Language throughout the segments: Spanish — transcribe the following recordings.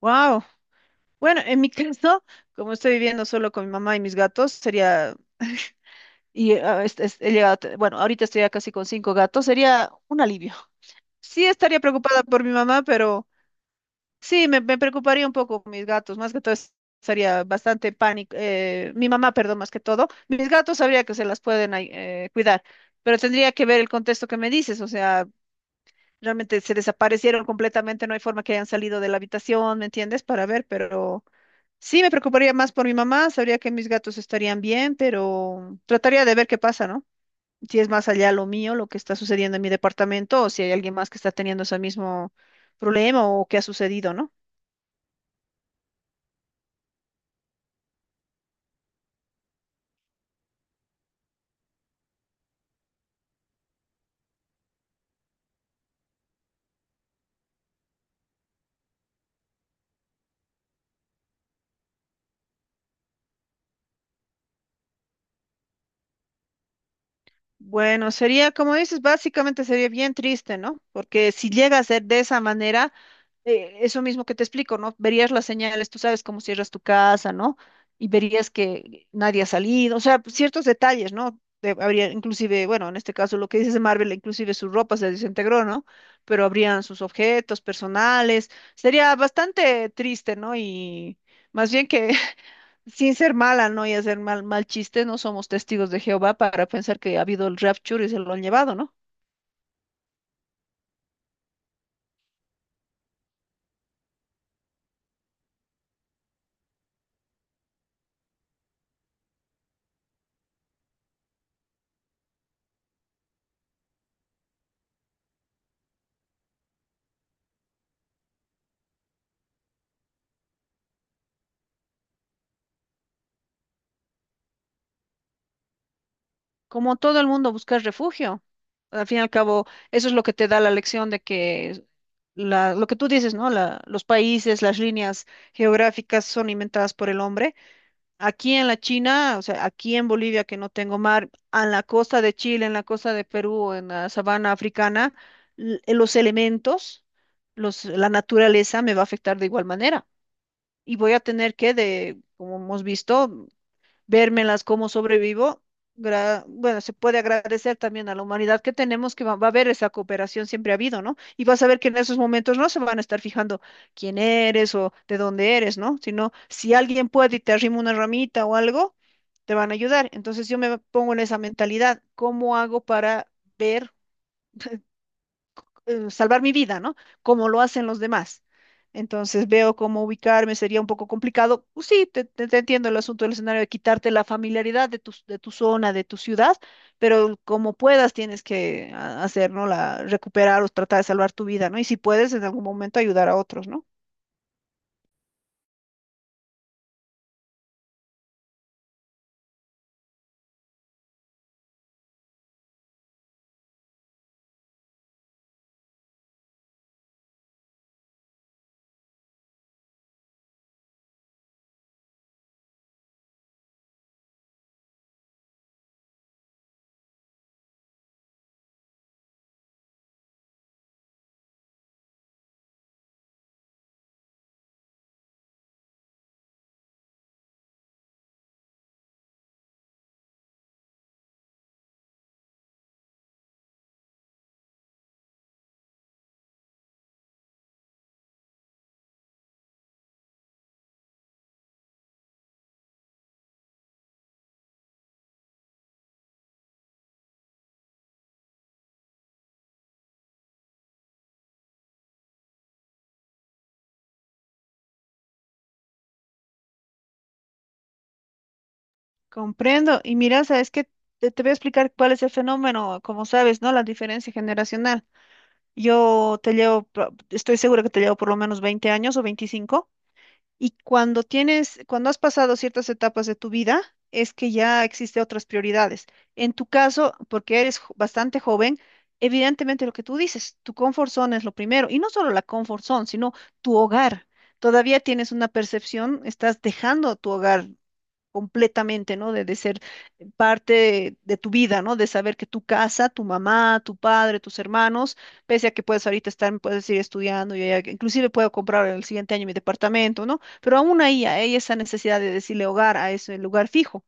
Wow. Bueno, en mi caso, como estoy viviendo solo con mi mamá y mis gatos, sería, y he llegado, bueno, ahorita estoy ya casi con 5 gatos, sería un alivio. Sí, estaría preocupada por mi mamá, pero sí, me preocuparía un poco por mis gatos, más que todo es- estaría bastante pánico, mi mamá, perdón, más que todo, mis gatos sabría que se las pueden ahí, cuidar, pero tendría que ver el contexto que me dices, o sea, realmente se desaparecieron completamente, no hay forma que hayan salido de la habitación, ¿me entiendes? Para ver, pero... Sí, me preocuparía más por mi mamá, sabría que mis gatos estarían bien, pero trataría de ver qué pasa, ¿no? Si es más allá lo mío, lo que está sucediendo en mi departamento, o si hay alguien más que está teniendo ese mismo problema o qué ha sucedido, ¿no? Bueno, sería, como dices, básicamente sería bien triste, ¿no? Porque si llega a ser de esa manera, eso mismo que te explico, ¿no? Verías las señales, tú sabes cómo cierras tu casa, ¿no? Y verías que nadie ha salido, o sea, ciertos detalles, ¿no? Habría inclusive, bueno, en este caso lo que dices de Marvel, inclusive su ropa se desintegró, ¿no? Pero habrían sus objetos personales. Sería bastante triste, ¿no? Y más bien que sin ser mala, ¿no? Y hacer mal, mal chiste, no somos testigos de Jehová para pensar que ha habido el rapture y se lo han llevado, ¿no? Como todo el mundo, buscar refugio. Al fin y al cabo, eso es lo que te da la lección de que lo que tú dices, ¿no? Los países, las líneas geográficas son inventadas por el hombre. Aquí en la China, o sea, aquí en Bolivia, que no tengo mar, en la costa de Chile, en la costa de Perú, en la sabana africana, los elementos, la naturaleza me va a afectar de igual manera. Y voy a tener que, de, como hemos visto, vérmelas cómo sobrevivo. Bueno, se puede agradecer también a la humanidad que tenemos, va a haber esa cooperación, siempre ha habido, ¿no? Y vas a ver que en esos momentos no se van a estar fijando quién eres o de dónde eres, ¿no? Sino si alguien puede y te arrima una ramita o algo, te van a ayudar. Entonces yo me pongo en esa mentalidad, ¿cómo hago para ver? Salvar mi vida, ¿no? Como lo hacen los demás. Entonces veo cómo ubicarme, sería un poco complicado. Pues sí, te entiendo el asunto del escenario de quitarte la familiaridad de tu zona, de tu ciudad, pero como puedas tienes que hacer, ¿no? La, recuperar o tratar de salvar tu vida, ¿no? Y si puedes, en algún momento ayudar a otros, ¿no? Comprendo. Y mira, sabes que te voy a explicar cuál es el fenómeno, como sabes, ¿no? La diferencia generacional. Yo te llevo, estoy segura que te llevo por lo menos 20 años o 25. Y cuando tienes, cuando has pasado ciertas etapas de tu vida, es que ya existe otras prioridades. En tu caso, porque eres bastante joven, evidentemente lo que tú dices, tu comfort zone es lo primero. Y no solo la comfort zone, sino tu hogar. Todavía tienes una percepción, estás dejando tu hogar completamente, ¿no? De ser parte de tu vida, ¿no? De saber que tu casa, tu mamá, tu padre, tus hermanos, pese a que puedes ahorita estar, puedes ir estudiando, yo ya inclusive puedo comprar el siguiente año mi departamento, ¿no? Pero aún ahí hay esa necesidad de decirle hogar a ese lugar fijo.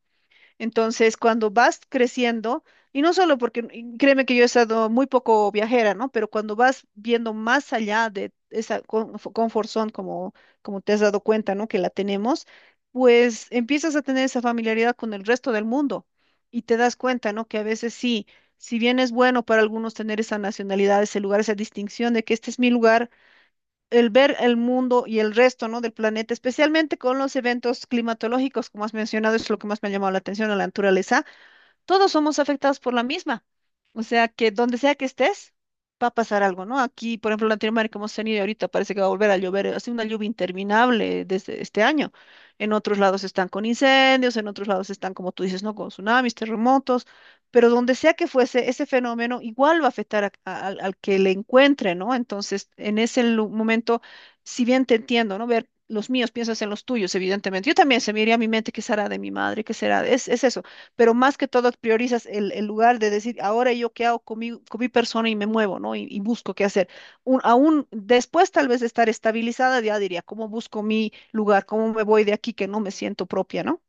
Entonces, cuando vas creciendo, y no solo porque, y créeme que yo he estado muy poco viajera, ¿no? Pero cuando vas viendo más allá de esa comfort zone, como te has dado cuenta, ¿no? Que la tenemos, pues empiezas a tener esa familiaridad con el resto del mundo y te das cuenta, ¿no? Que a veces sí, si bien es bueno para algunos tener esa nacionalidad, ese lugar, esa distinción de que este es mi lugar, el ver el mundo y el resto, ¿no? Del planeta, especialmente con los eventos climatológicos, como has mencionado, es lo que más me ha llamado la atención, a la naturaleza, todos somos afectados por la misma. O sea que donde sea que estés, va a pasar algo, ¿no? Aquí, por ejemplo, en Latinoamérica hemos tenido y ahorita parece que va a volver a llover, ha sido una lluvia interminable desde este año. En otros lados están con incendios, en otros lados están, como tú dices, ¿no? Con tsunamis, terremotos, pero donde sea que fuese, ese fenómeno igual va a afectar al, al que le encuentre, ¿no? Entonces, en ese momento, si bien te entiendo, ¿no? Ver los míos, piensas en los tuyos, evidentemente. Yo también se me iría a mi mente qué será de mi madre, qué será, es eso, pero más que todo priorizas el lugar de decir, ahora yo qué hago con mi persona y me muevo, ¿no? Y busco qué hacer. Aún después tal vez de estar estabilizada, ya diría, ¿cómo busco mi lugar? ¿Cómo me voy de aquí que no me siento propia, ¿no?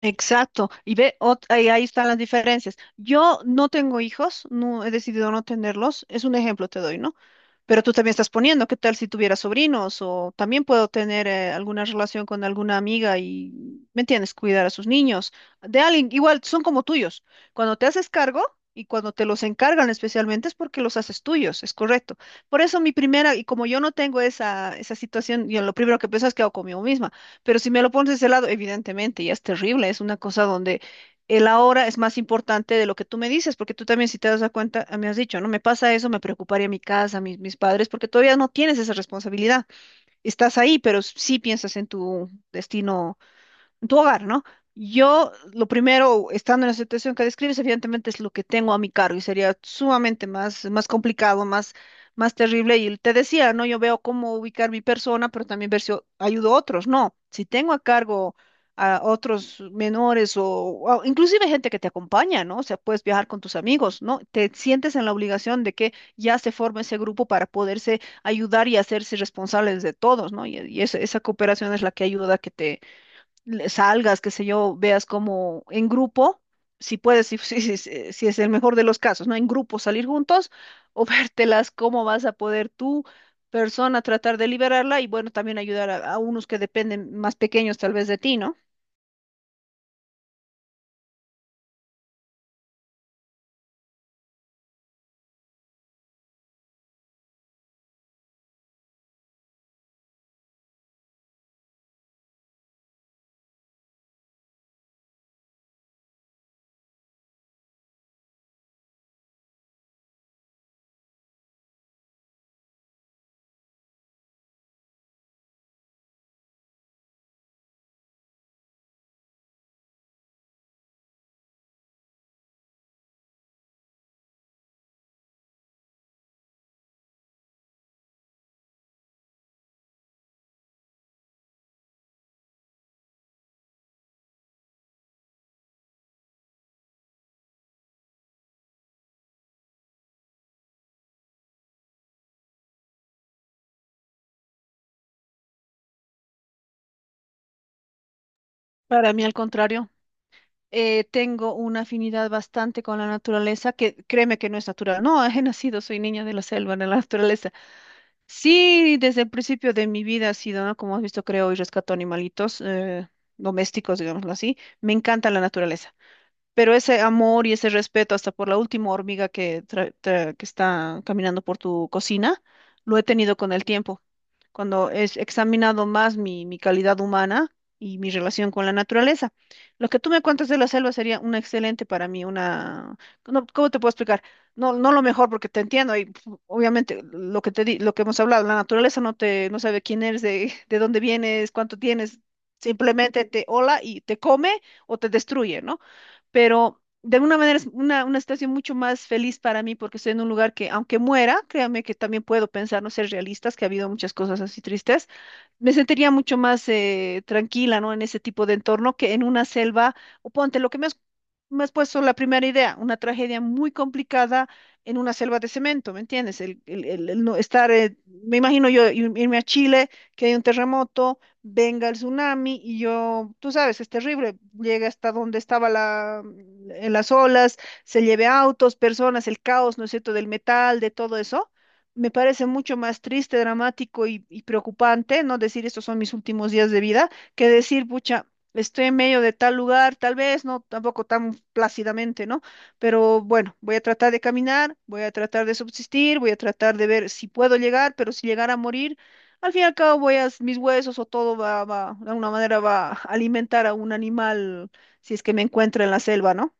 Exacto, y ve, ahí, ahí están las diferencias. Yo no tengo hijos, no he decidido no tenerlos, es un ejemplo te doy, ¿no? Pero tú también estás poniendo, ¿qué tal si tuviera sobrinos? O también puedo tener alguna relación con alguna amiga y, ¿me entiendes? Cuidar a sus niños. De alguien, igual, son como tuyos. Cuando te haces cargo y cuando te los encargan especialmente es porque los haces tuyos, es correcto. Por eso mi primera, y como yo no tengo esa, esa situación, yo lo primero que pienso es que hago conmigo misma. Pero si me lo pones de ese lado, evidentemente, ya es terrible. Es una cosa donde el ahora es más importante de lo que tú me dices, porque tú también si te das a cuenta, ah, me has dicho, no me pasa eso, me preocuparía mi casa, mis padres, porque todavía no tienes esa responsabilidad. Estás ahí, pero sí piensas en tu destino, tu hogar, ¿no? Yo, lo primero, estando en la situación que describes, evidentemente es lo que tengo a mi cargo y sería sumamente más, más complicado, más, más terrible. Y te decía, ¿no? Yo veo cómo ubicar mi persona, pero también ver si ayudo a otros. No, si tengo a cargo a otros menores o inclusive gente que te acompaña, ¿no? O sea, puedes viajar con tus amigos, ¿no? Te sientes en la obligación de que ya se forme ese grupo para poderse ayudar y hacerse responsables de todos, ¿no? Y esa, esa cooperación es la que ayuda a que te salgas, qué sé yo, veas como en grupo, si puedes, si, si, si es el mejor de los casos, ¿no? En grupo salir juntos o vértelas, cómo vas a poder tú, persona, tratar de liberarla y bueno, también ayudar a unos que dependen más pequeños tal vez de ti, ¿no? Para mí, al contrario. Tengo una afinidad bastante con la naturaleza, que créeme que no es natural. No, he nacido, soy niña de la selva, de la naturaleza. Sí, desde el principio de mi vida ha sido, ¿no? Como has visto, creo y rescato animalitos domésticos, digámoslo así. Me encanta la naturaleza, pero ese amor y ese respeto hasta por la última hormiga que, que está caminando por tu cocina, lo he tenido con el tiempo cuando es examinado más mi, mi calidad humana y mi relación con la naturaleza. Lo que tú me cuentas de la selva sería una excelente para mí, una... no, ¿cómo te puedo explicar? No, no lo mejor porque te entiendo y pf, obviamente lo que te di, lo que hemos hablado, la naturaleza no te, no sabe quién eres, de, de dónde vienes, cuánto tienes, simplemente te hola y te come o te destruye, ¿no? Pero de alguna manera es una situación mucho más feliz para mí porque estoy en un lugar que, aunque muera, créanme que también puedo pensar, no ser realistas, que ha habido muchas cosas así tristes, me sentiría mucho más tranquila, ¿no? En ese tipo de entorno que en una selva, o ponte, lo que me has puesto la primera idea, una tragedia muy complicada en una selva de cemento, ¿me entiendes? El, el no estar, me imagino yo irme a Chile, que hay un terremoto, venga el tsunami y yo, tú sabes, es terrible, llega hasta donde estaba la, en las olas, se lleve autos, personas, el caos, ¿no es cierto?, del metal, de todo eso me parece mucho más triste, dramático y preocupante, ¿no? Decir estos son mis últimos días de vida, que decir, pucha, estoy en medio de tal lugar, tal vez, no, tampoco tan plácidamente, ¿no? Pero bueno, voy a tratar de caminar, voy a tratar de subsistir, voy a tratar de ver si puedo llegar, pero si llegara a morir, al fin y al cabo voy a, mis huesos o todo va, va, de alguna manera va a alimentar a un animal si es que me encuentra en la selva, ¿no?